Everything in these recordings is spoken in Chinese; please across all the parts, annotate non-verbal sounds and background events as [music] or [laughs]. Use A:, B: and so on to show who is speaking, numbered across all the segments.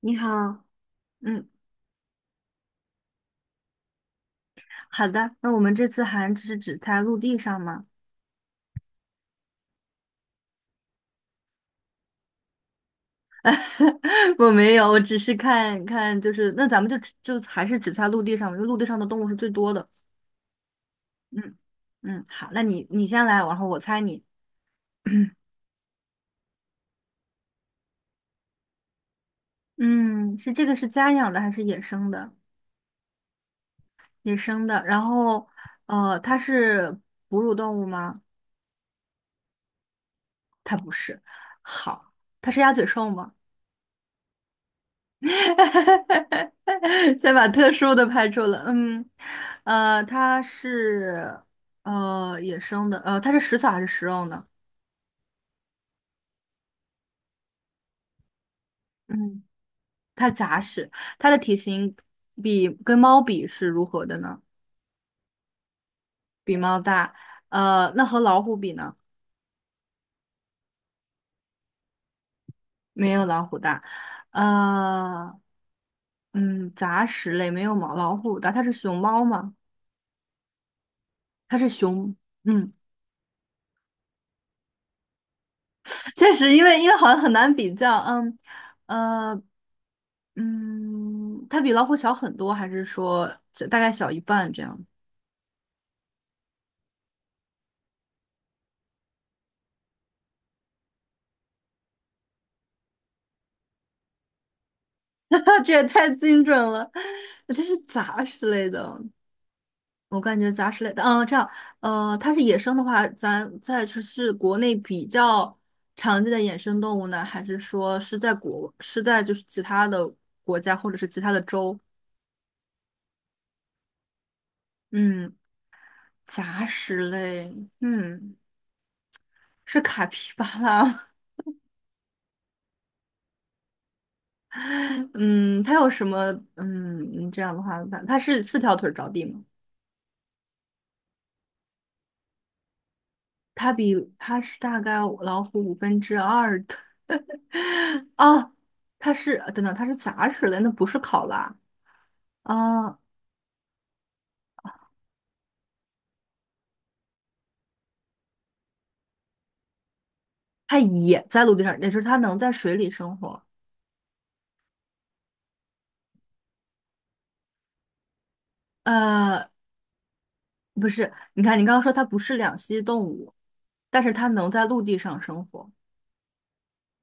A: 你好。嗯，好的。那我们这次还只在陆地上吗？[laughs] 我没有，我只是看看，就是那咱们就只就还是只在陆地上嘛，因为陆地上的动物是最多的。嗯嗯，好，那你先来，然后我猜你。嗯，这个是家养的还是野生的？野生的，然后它是哺乳动物吗？它不是。好，它是鸭嘴兽吗？[laughs] 先把特殊的排除了。嗯，它是野生的，它是食草还是食肉呢？嗯，它是杂食，它的体型比跟猫比是如何的呢？比猫大，那和老虎比呢？没有老虎大。呃，杂食类没有毛老虎大，它是熊猫吗？它是熊，嗯。确实，因为好像很难比较。嗯，呃，它比老虎小很多，还是说这大概小一半这样？[laughs] 这也太精准了。这是杂食类的，我感觉杂食类的，嗯，这样，它是野生的话，咱再就是国内比较常见的野生动物呢，还是说是在国是在就是其他的国家或者是其他的州？嗯，杂食类，嗯，是卡皮巴拉吗？[laughs] 嗯，它有什么？嗯，这样的话，它是四条腿着地吗？它大概老虎五分之二的 [laughs] 啊，它是等等，它是杂食的，那不是考拉啊，它也在陆地上，也就是它能在水里生活。呃，不是，你看你刚刚说它不是两栖动物，但是它能在陆地上生活。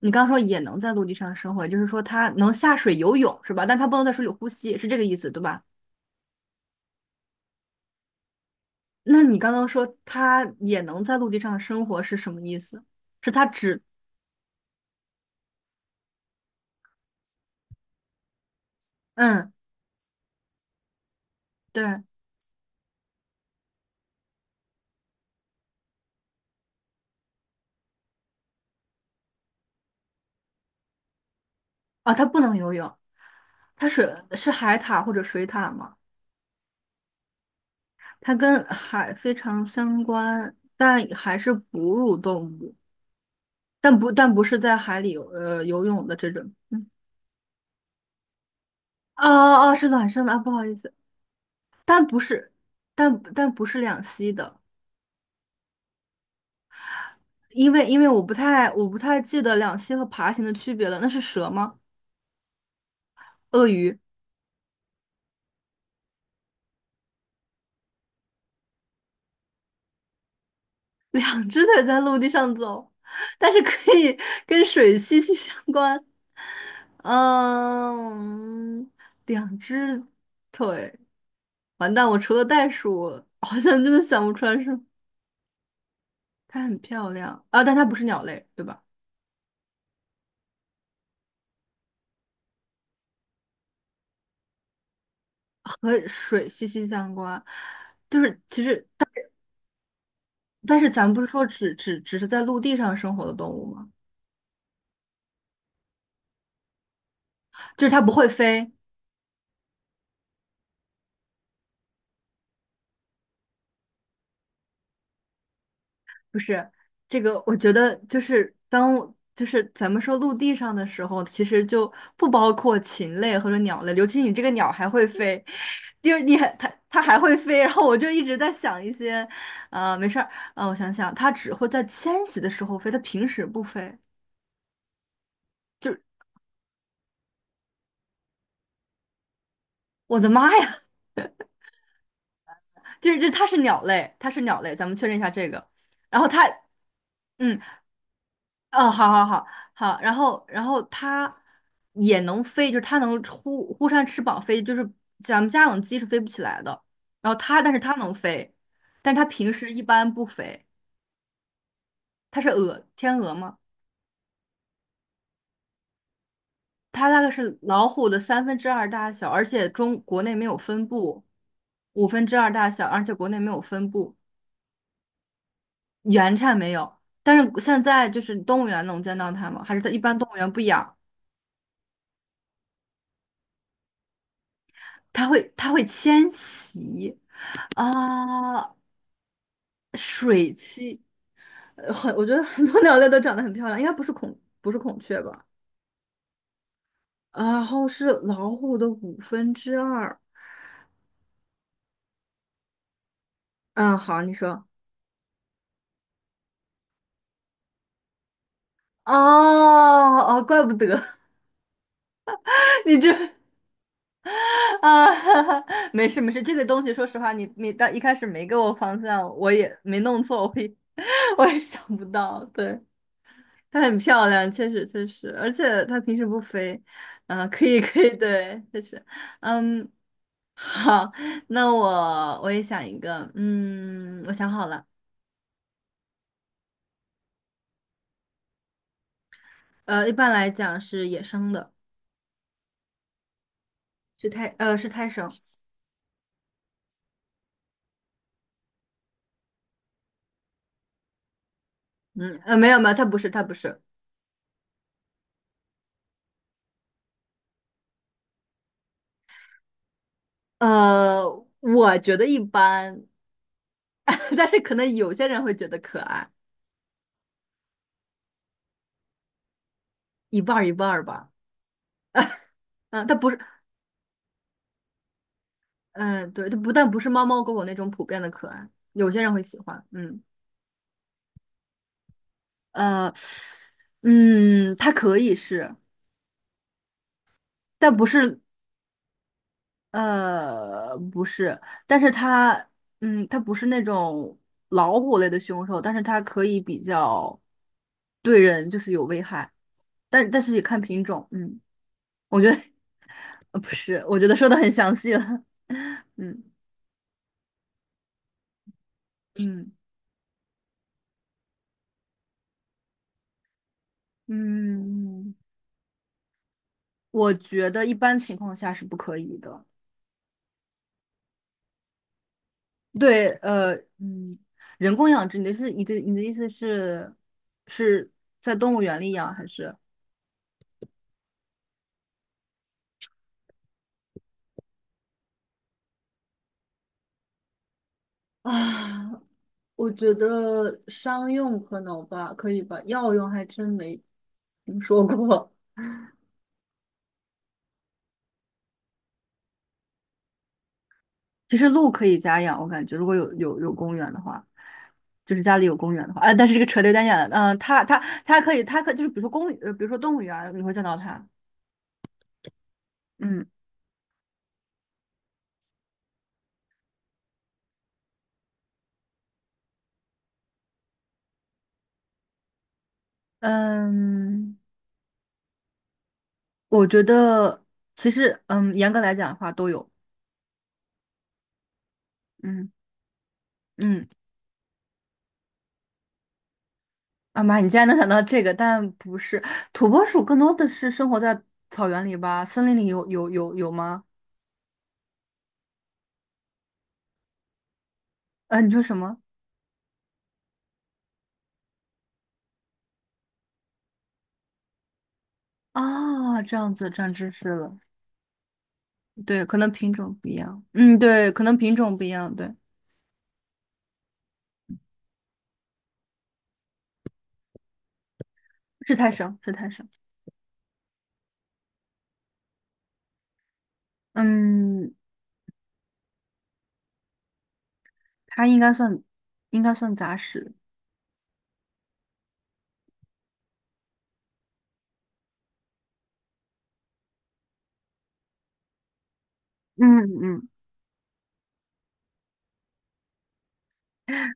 A: 你刚刚说也能在陆地上生活，也就是说它能下水游泳是吧？但它不能在水里呼吸，是这个意思对吧？那你刚刚说它也能在陆地上生活是什么意思？是它只，嗯，对，啊，它不能游泳，它是海獭或者水獭吗？它跟海非常相关，但还是哺乳动物，但不是在海里游泳的这种。哦哦，是卵生的啊，不好意思，但不是，但不是两栖的。因为我不太记得两栖和爬行的区别了。那是蛇吗？鳄鱼？[laughs] 两只腿在陆地上走，但是可以跟水息息相关。嗯，两只腿，完蛋！我除了袋鼠，好像真的想不出来什么。它很漂亮啊，但它不是鸟类，对吧？和水息息相关，就是其实，但是咱们不是说只是在陆地上生活的动物吗？就是它不会飞，不是这个，我觉得就是当我就是咱们说陆地上的时候，其实就不包括禽类或者鸟类，尤其你这个鸟还会飞。[laughs] 就是你还它还会飞，然后我就一直在想一些，没事儿，我想想，它只会在迁徙的时候飞，它平时不飞，就是我的妈呀。[laughs] 就是这它是鸟类，它是鸟类，咱们确认一下这个，然后它。嗯。哦，好好好好，然后它也能飞，就是它能忽忽扇翅膀飞，就是咱们家养的鸡是飞不起来的。然后它，但是它能飞，但它平时一般不飞，它是鹅，天鹅吗？它大概是老虎的三分之二大小，而且中国内没有分布，五分之二大小，而且国内没有分布，原产没有。但是现在就是动物园能见到它吗？还是它一般动物园不养？它会它会迁徙。啊水栖，我觉得很多鸟类都长得很漂亮，应该不是孔，不是孔雀吧？然后是老虎的五分之二。嗯，好啊，你说。哦哦，怪不得 [laughs] 你这啊，[laughs] 没事没事，这个东西说实话，你到一开始没给我方向，我也没弄错，我也 [laughs] 我也想不到。对，它很漂亮，确实确实，而且它平时不飞。嗯、可以可以，对，确实，嗯，好，那我也想一个。嗯，我想好了，一般来讲是野生的，是胎，呃，是胎生，嗯，没有没有，它不是，它不是，呃，我觉得一般，[laughs] 但是可能有些人会觉得可爱，一半儿一半儿吧。嗯，它不是，嗯，对，它不但不是猫猫狗狗那种普遍的可爱，有些人会喜欢。嗯，呃，它可以是，但不是。不是，但是它，嗯，它不是那种老虎类的凶兽，但是它可以比较对人就是有危害，但是也看品种，嗯，我觉得 [laughs]，不是，我觉得说的很详细了，[laughs] 嗯嗯嗯，我觉得一般情况下是不可以的，对，嗯，人工养殖，你的意思是在动物园里养还是？啊，我觉得商用可能吧，可以吧，药用还真没听说过。[laughs] 其实鹿可以家养，我感觉如果有公园的话，就是家里有公园的话，哎，但是这个扯得有点远了。嗯、它可以，就是比如说动物园儿你会见到它。嗯嗯，我觉得其实嗯，严格来讲的话都有。嗯嗯，啊妈，你竟然能想到这个，但不是土拨鼠，更多的是生活在草原里吧？森林里有吗？你说什么？啊，这样子长知识了。对，可能品种不一样。嗯，对，可能品种不一样。对，是太少，是太少。嗯，它应该算杂食。嗯嗯，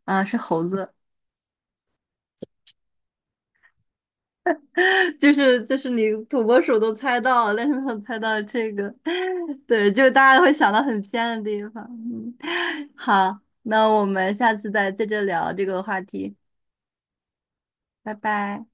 A: 啊，是猴子。[laughs] 就是就是你土拨鼠都猜到了，但是没有猜到这个。[laughs] 对，就大家会想到很偏的地方。嗯，[laughs] 好，那我们下次再接着聊这个话题，拜拜。